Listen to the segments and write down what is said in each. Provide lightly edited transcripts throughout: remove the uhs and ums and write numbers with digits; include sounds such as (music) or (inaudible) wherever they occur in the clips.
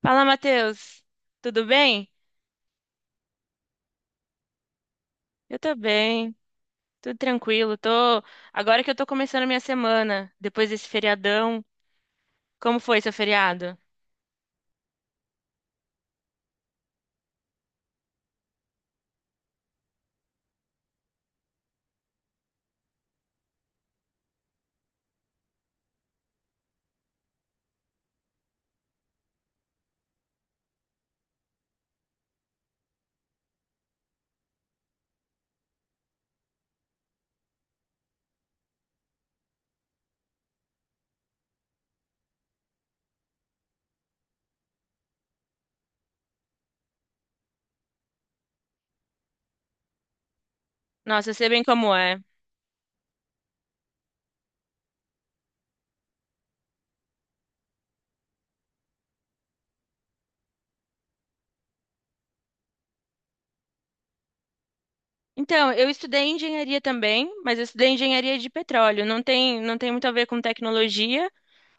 Fala, Matheus. Tudo bem? Eu tô bem, tudo tranquilo. Tô agora que eu tô começando a minha semana, depois desse feriadão. Como foi seu feriado? Nossa, eu sei bem como é. Então, eu estudei engenharia também, mas eu estudei engenharia de petróleo. Não tem muito a ver com tecnologia.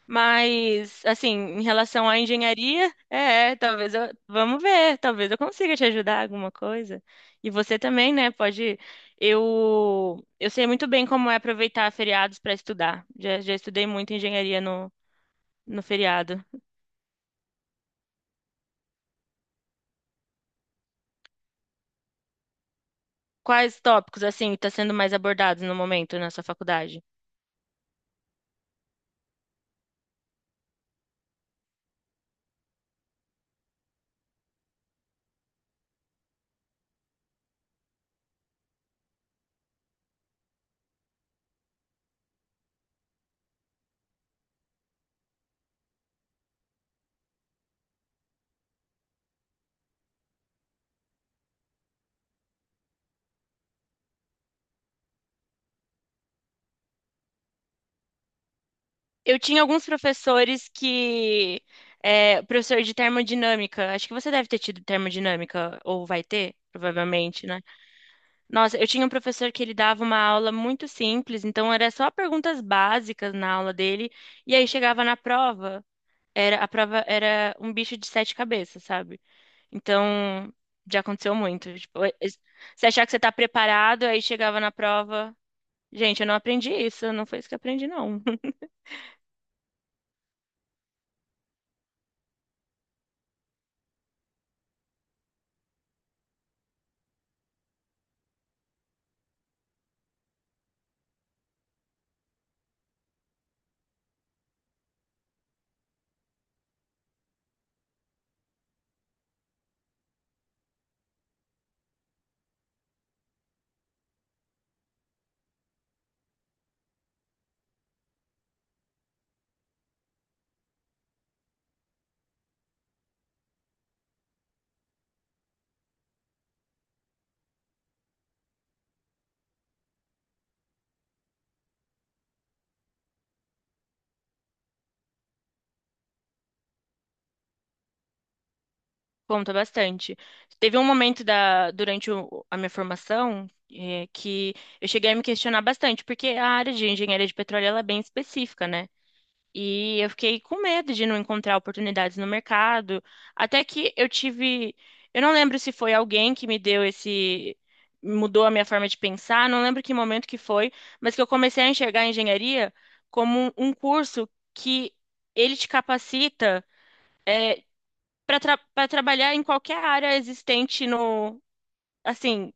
Mas, assim, em relação à engenharia, talvez eu, vamos ver, talvez eu consiga te ajudar em alguma coisa. E você também, né, pode, eu sei muito bem como é aproveitar feriados para estudar. Já estudei muito engenharia no feriado. Quais tópicos, assim, estão sendo mais abordados no momento na sua faculdade? Eu tinha alguns professores que, é, professor de termodinâmica, acho que você deve ter tido termodinâmica, ou vai ter, provavelmente, né? Nossa, eu tinha um professor que ele dava uma aula muito simples, então era só perguntas básicas na aula dele, e aí chegava na prova, era a prova era um bicho de sete cabeças, sabe? Então, já aconteceu muito. Tipo, você achar que você tá preparado, aí chegava na prova, gente, eu não aprendi isso, não foi isso que eu aprendi, não. (laughs) Conta bastante. Teve um momento durante a minha formação, que eu cheguei a me questionar bastante, porque a área de engenharia de petróleo ela é bem específica, né? E eu fiquei com medo de não encontrar oportunidades no mercado. Até que eu tive. Eu não lembro se foi alguém que me deu esse. Mudou a minha forma de pensar, não lembro que momento que foi, mas que eu comecei a enxergar a engenharia como um curso que ele te capacita para trabalhar em qualquer área existente no. Assim,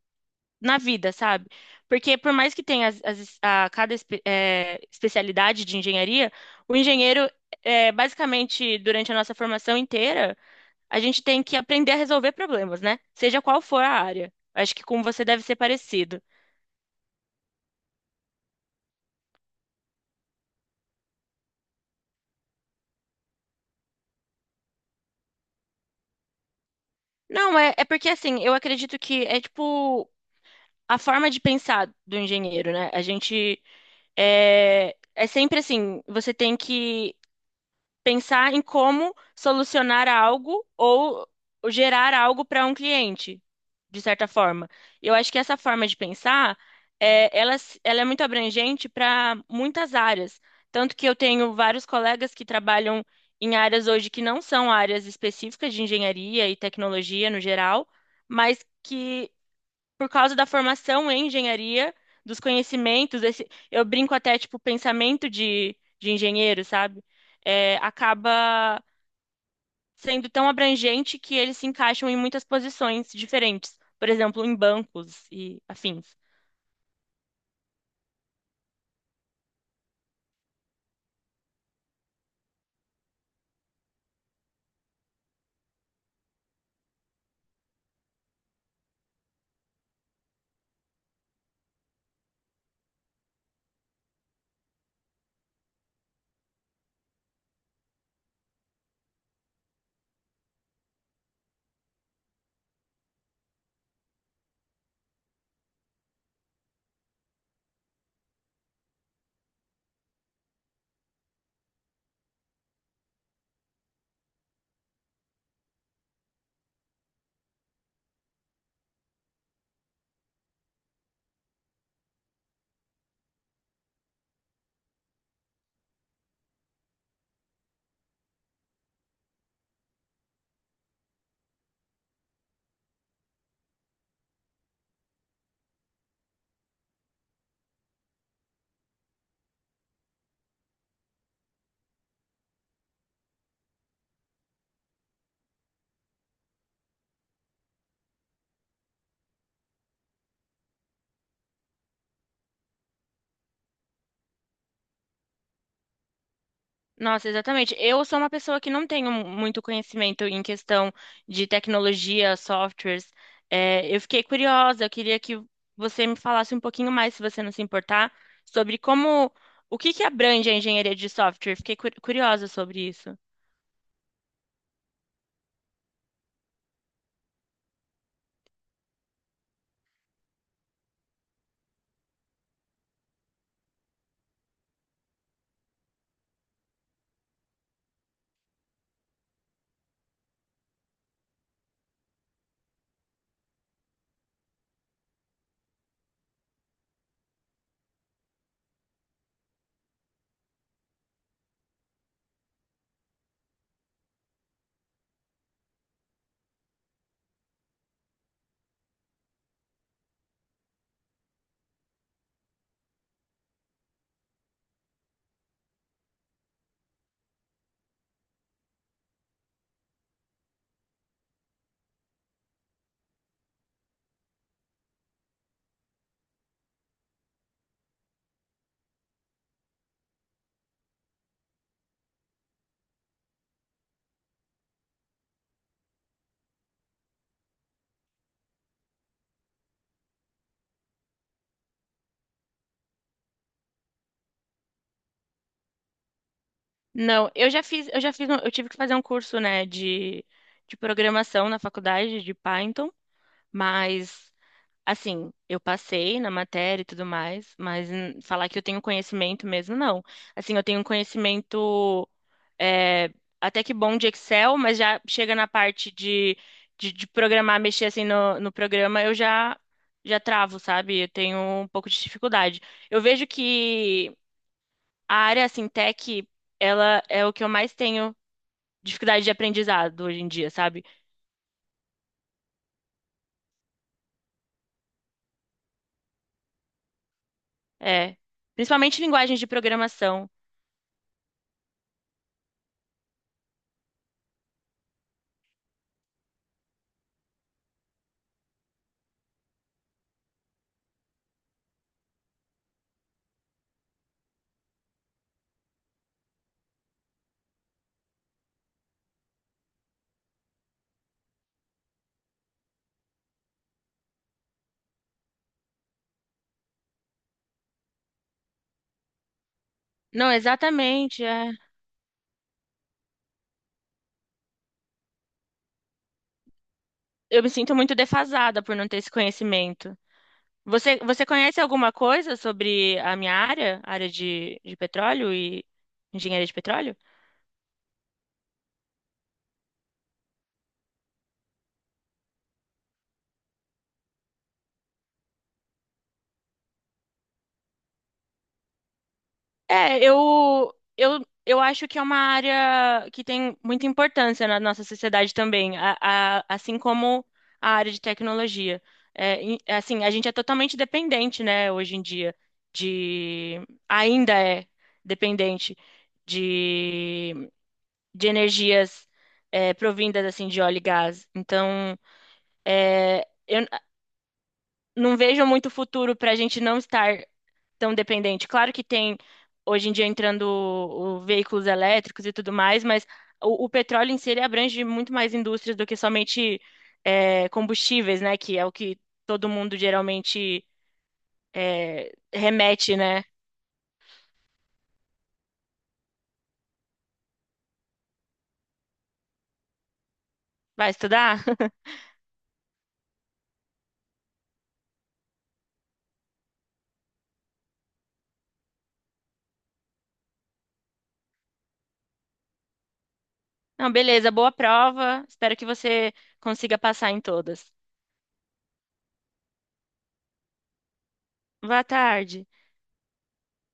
na vida, sabe? Porque por mais que tenha a cada especialidade de engenharia, o engenheiro, basicamente, durante a nossa formação inteira, a gente tem que aprender a resolver problemas, né? Seja qual for a área. Acho que com você deve ser parecido. Não, é porque assim, eu acredito que é tipo a forma de pensar do engenheiro, né? A gente é sempre assim, você tem que pensar em como solucionar algo ou gerar algo para um cliente, de certa forma. Eu acho que essa forma de pensar, ela, ela é muito abrangente para muitas áreas. Tanto que eu tenho vários colegas que trabalham em áreas hoje que não são áreas específicas de engenharia e tecnologia no geral, mas que por causa da formação em engenharia, dos conhecimentos, esse, eu brinco até, tipo, pensamento de engenheiro, sabe? É, acaba sendo tão abrangente que eles se encaixam em muitas posições diferentes, por exemplo, em bancos e afins. Nossa, exatamente. Eu sou uma pessoa que não tenho muito conhecimento em questão de tecnologia, softwares. É, eu fiquei curiosa, eu queria que você me falasse um pouquinho mais, se você não se importar, sobre como, o que que abrange a engenharia de software. Fiquei curiosa sobre isso. Não, eu já fiz, eu tive que fazer um curso, né, de programação na faculdade de Python, mas assim, eu passei na matéria e tudo mais, mas falar que eu tenho conhecimento mesmo, não. Assim, eu tenho um conhecimento é, até que bom de Excel, mas já chega na parte de programar, mexer assim no programa, já travo, sabe? Eu tenho um pouco de dificuldade. Eu vejo que a área, assim, tech, ela é o que eu mais tenho dificuldade de aprendizado hoje em dia, sabe? É, principalmente linguagens de programação. Não, exatamente, é. Eu me sinto muito defasada por não ter esse conhecimento. Você conhece alguma coisa sobre a minha área, área de petróleo e engenharia de petróleo? É, eu acho que é uma área que tem muita importância na nossa sociedade também, assim como a área de tecnologia. É, assim, a gente é totalmente dependente, né, hoje em dia, de, ainda é dependente de de energias provindas assim de óleo e gás. Então, é, eu n- não vejo muito futuro para a gente não estar tão dependente. Claro que tem hoje em dia entrando o veículos elétricos e tudo mais, mas o petróleo em si ele abrange muito mais indústrias do que somente combustíveis, né? Que é o que todo mundo geralmente remete, né? Vai estudar? (laughs) Não, beleza, boa prova. Espero que você consiga passar em todas. Boa tarde.